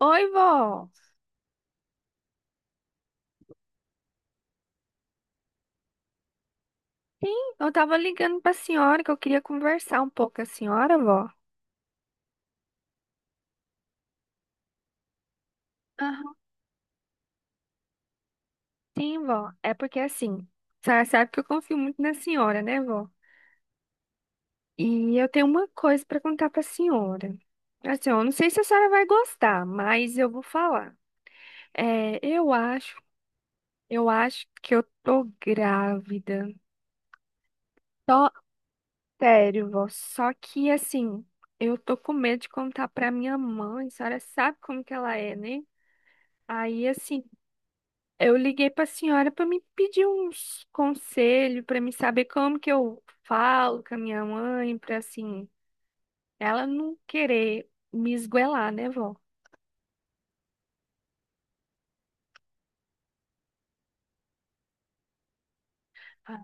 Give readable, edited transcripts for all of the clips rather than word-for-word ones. Oi, vó. Sim, eu tava ligando pra senhora que eu queria conversar um pouco com a senhora, vó. Aham, sim, vó. É porque assim, a senhora sabe que eu confio muito na senhora, né, vó? E eu tenho uma coisa pra contar pra senhora. Assim, eu não sei se a senhora vai gostar, mas eu vou falar. É, eu acho que eu tô grávida. Só, sério, vó. Só que assim, eu tô com medo de contar pra minha mãe. A senhora sabe como que ela é, né? Aí, assim, eu liguei para a senhora para me pedir uns conselhos, para me saber como que eu falo com a minha mãe, para assim, ela não querer me esgoelar, né, vó? Ah,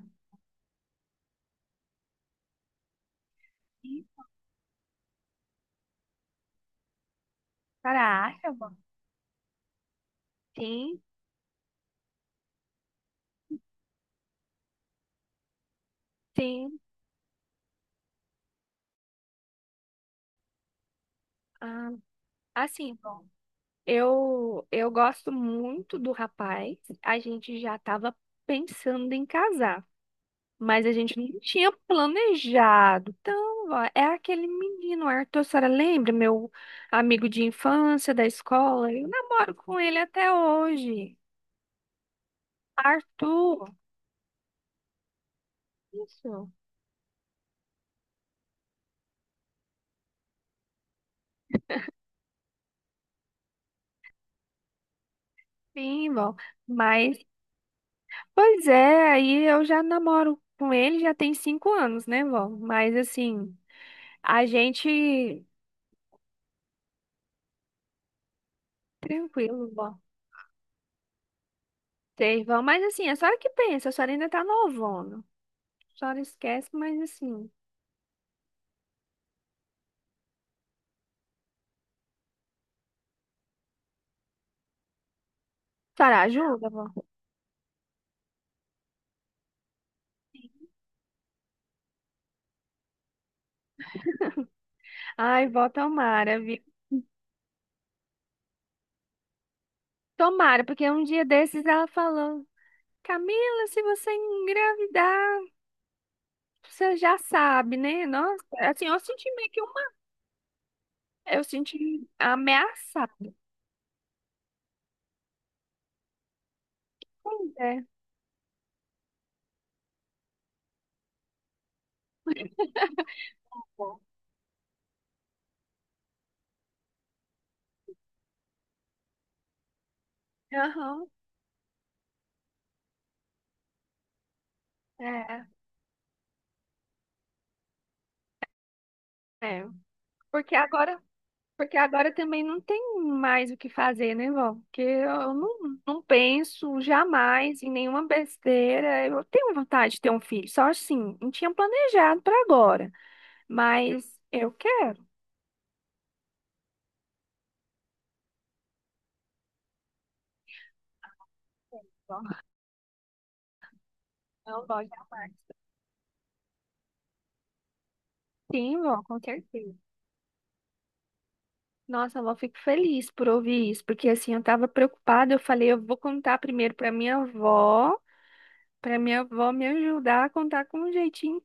sim. Caraca, mano. Sim, sim. Ah, assim, bom, eu gosto muito do rapaz, a gente já estava pensando em casar. Mas a gente não tinha planejado. Então, ó, é aquele menino, Arthur, a senhora lembra? Meu amigo de infância, da escola. Eu namoro com ele até hoje. Arthur. Isso. Sim, bom. Mas, pois é, aí eu já namoro com ele já tem 5 anos, né, vó? Mas, assim, a gente... Tranquilo, vó. Sei vão, mas assim, a senhora que pensa, a senhora ainda tá novona. A senhora esquece, mas assim... A senhora ajuda, vó? Ai, vó, tomara, viu? Tomara, porque um dia desses ela falou, Camila, se você engravidar, você já sabe, né? Nossa, assim, eu senti meio que uma... Eu senti ameaçada. Pois é. Aham, é, é. Porque agora, porque agora também não tem mais o que fazer, né, vó? Porque eu não penso jamais em nenhuma besteira. Eu tenho vontade de ter um filho, só assim, não tinha planejado para agora, mas eu quero. Não, vó, jamais. Sim, vó, com certeza. Nossa, vó, fico feliz por ouvir isso, porque assim, eu tava preocupada, eu falei, eu vou contar primeiro pra minha avó me ajudar a contar com um jeitinho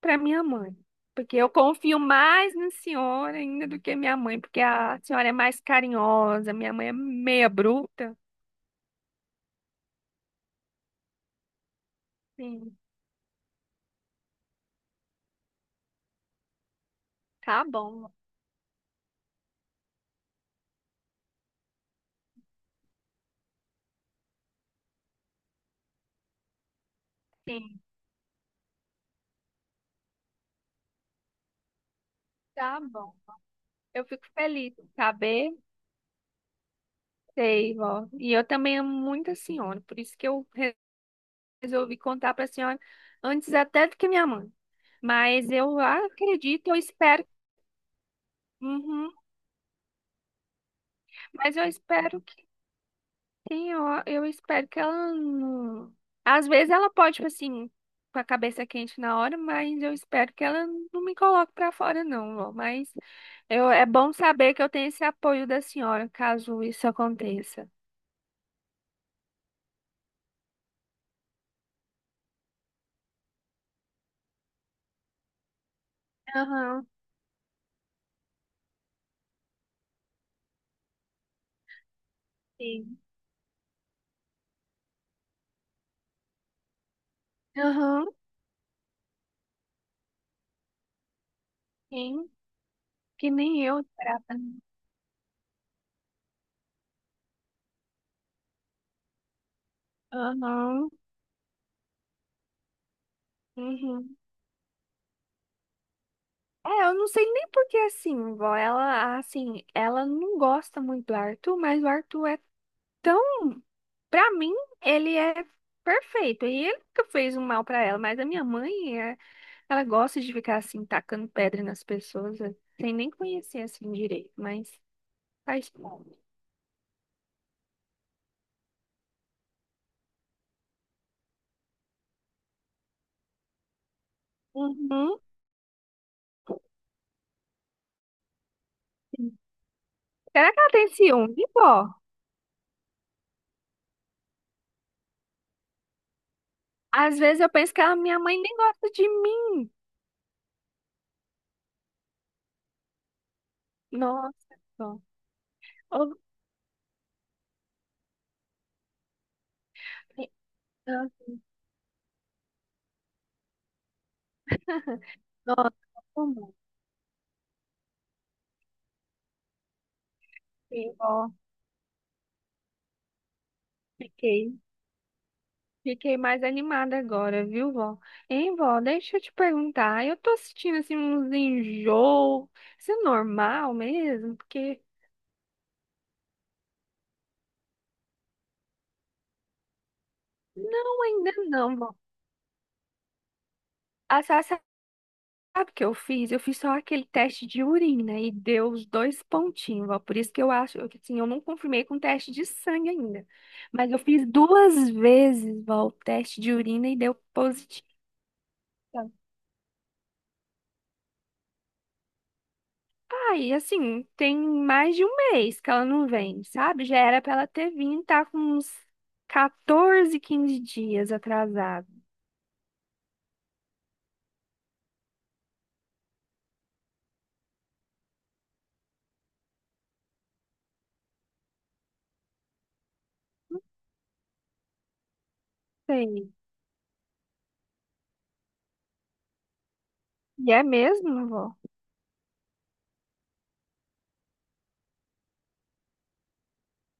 pra minha mãe. Porque eu confio mais na senhora ainda do que minha mãe, porque a senhora é mais carinhosa, minha mãe é meia bruta. Sim, tá bom, vó. Sim, tá bom. Eu fico feliz em saber, sei, vó. E eu também amo muito a senhora, por isso que eu resolvi contar para a senhora antes até do que minha mãe. Mas eu acredito, eu espero, uhum, mas eu espero que tenha, ó, eu espero que ela não. Às vezes ela pode, tipo assim, com a cabeça quente na hora, mas eu espero que ela não me coloque para fora, não, ó. Mas eu, é bom saber que eu tenho esse apoio da senhora, caso isso aconteça. Aham, sim. Aham, sim. Que nem eu esperava. Aham, uhum. É, eu não sei nem por que assim, vó. Ela, assim, ela não gosta muito do Arthur, mas o Arthur é tão. Pra mim, ele é perfeito. E ele nunca fez um mal pra ela, mas a minha mãe, é, ela gosta de ficar assim, tacando pedra nas pessoas, é, sem nem conhecer assim direito, mas faz parte. Uhum. Será que ela tem ciúme, vó? Às vezes eu penso que ela, minha mãe nem gosta de mim. Nossa, vó. Ô, nossa, nossa, como? Sim, vó. Fiquei. Fiquei mais animada agora, viu, vó? Hein, vó, deixa eu te perguntar. Eu tô sentindo assim uns enjoo. Isso é normal mesmo? Porque não, ainda não, vó. A Sá sabe o que eu fiz? Eu fiz só aquele teste de urina e deu os dois pontinhos, vó. Por isso que eu acho, eu, assim, eu não confirmei com teste de sangue ainda. Mas eu fiz duas vezes, vó, o teste de urina e deu positivo. Aí, assim, tem mais de um mês que ela não vem, sabe? Já era pra ela ter vindo, tá com uns 14, 15 dias atrasado. Sei. E é mesmo, avó?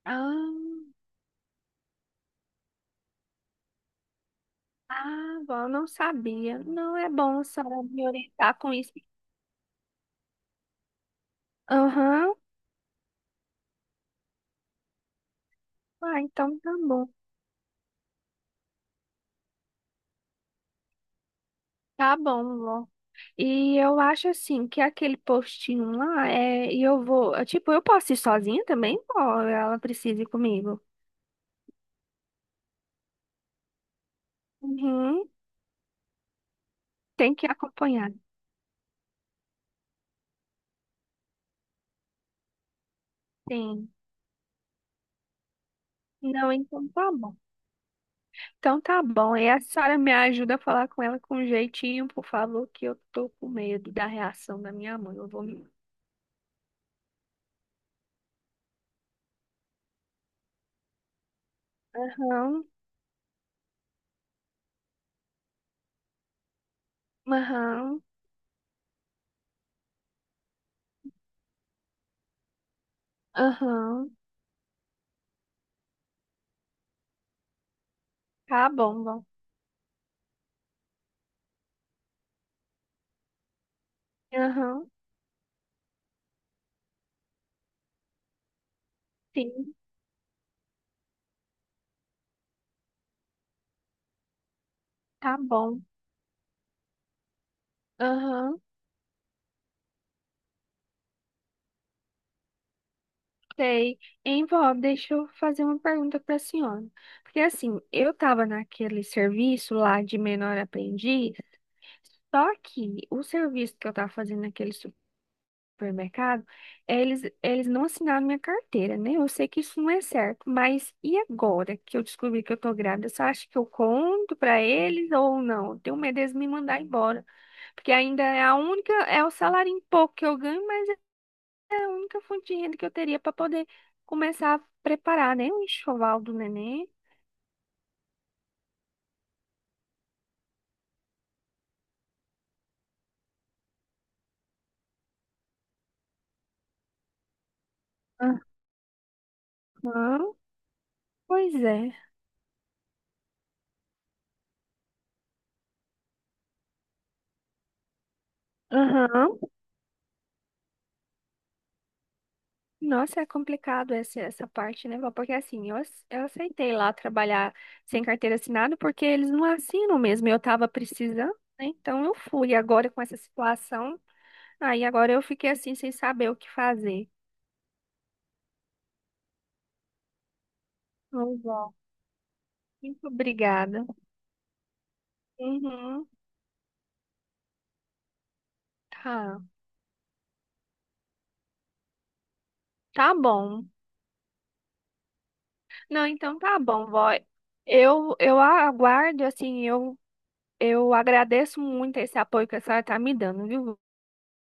Ah, ah, avó, eu não sabia. Não é bom a senhora me orientar com isso. Aham. Ah, então tá bom. Tá bom, vó. E eu acho assim que aquele postinho lá é. E eu vou. Tipo, eu posso ir sozinha também, vó? Ela precisa ir comigo. Uhum. Tem que acompanhar. Sim. Não, então tá bom. Então tá bom. E a Sara me ajuda a falar com ela com jeitinho, por favor, que eu tô com medo da reação da minha mãe. Eu vou me. Aham, aham, aham. Tá bom, vó. Aham, sim, tá bom. Aham, sei. Hein, vó, deixa eu fazer uma pergunta pra senhora. Porque assim, eu tava naquele serviço lá de menor aprendiz, só que o serviço que eu tava fazendo naquele supermercado, eles não assinaram minha carteira, né? Eu sei que isso não é certo, mas e agora que eu descobri que eu tô grávida, você acha que eu conto pra eles ou não? Eu tenho medo deles me mandar embora, porque ainda é a única, é o salário em pouco que eu ganho, mas é a única fonte de renda que eu teria para poder começar a preparar, né? O enxoval do neném. Aham, pois é. Aham. Nossa, é complicado essa parte, né, Val? Porque assim, eu aceitei lá trabalhar sem carteira assinada porque eles não assinam mesmo. Eu tava precisando, né? Então eu fui. Agora com essa situação, aí agora eu fiquei assim, sem saber o que fazer. Ô, Val, muito obrigada. Uhum, tá, tá bom. Não, então tá bom, vó. Eu aguardo, assim, eu agradeço muito esse apoio que a senhora tá me dando, viu?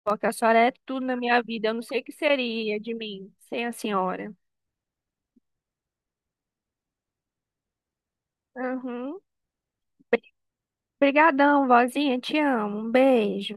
Porque a senhora é tudo na minha vida. Eu não sei o que seria de mim sem a senhora. Uhum. Obrigadão, vozinha. Te amo. Um beijo.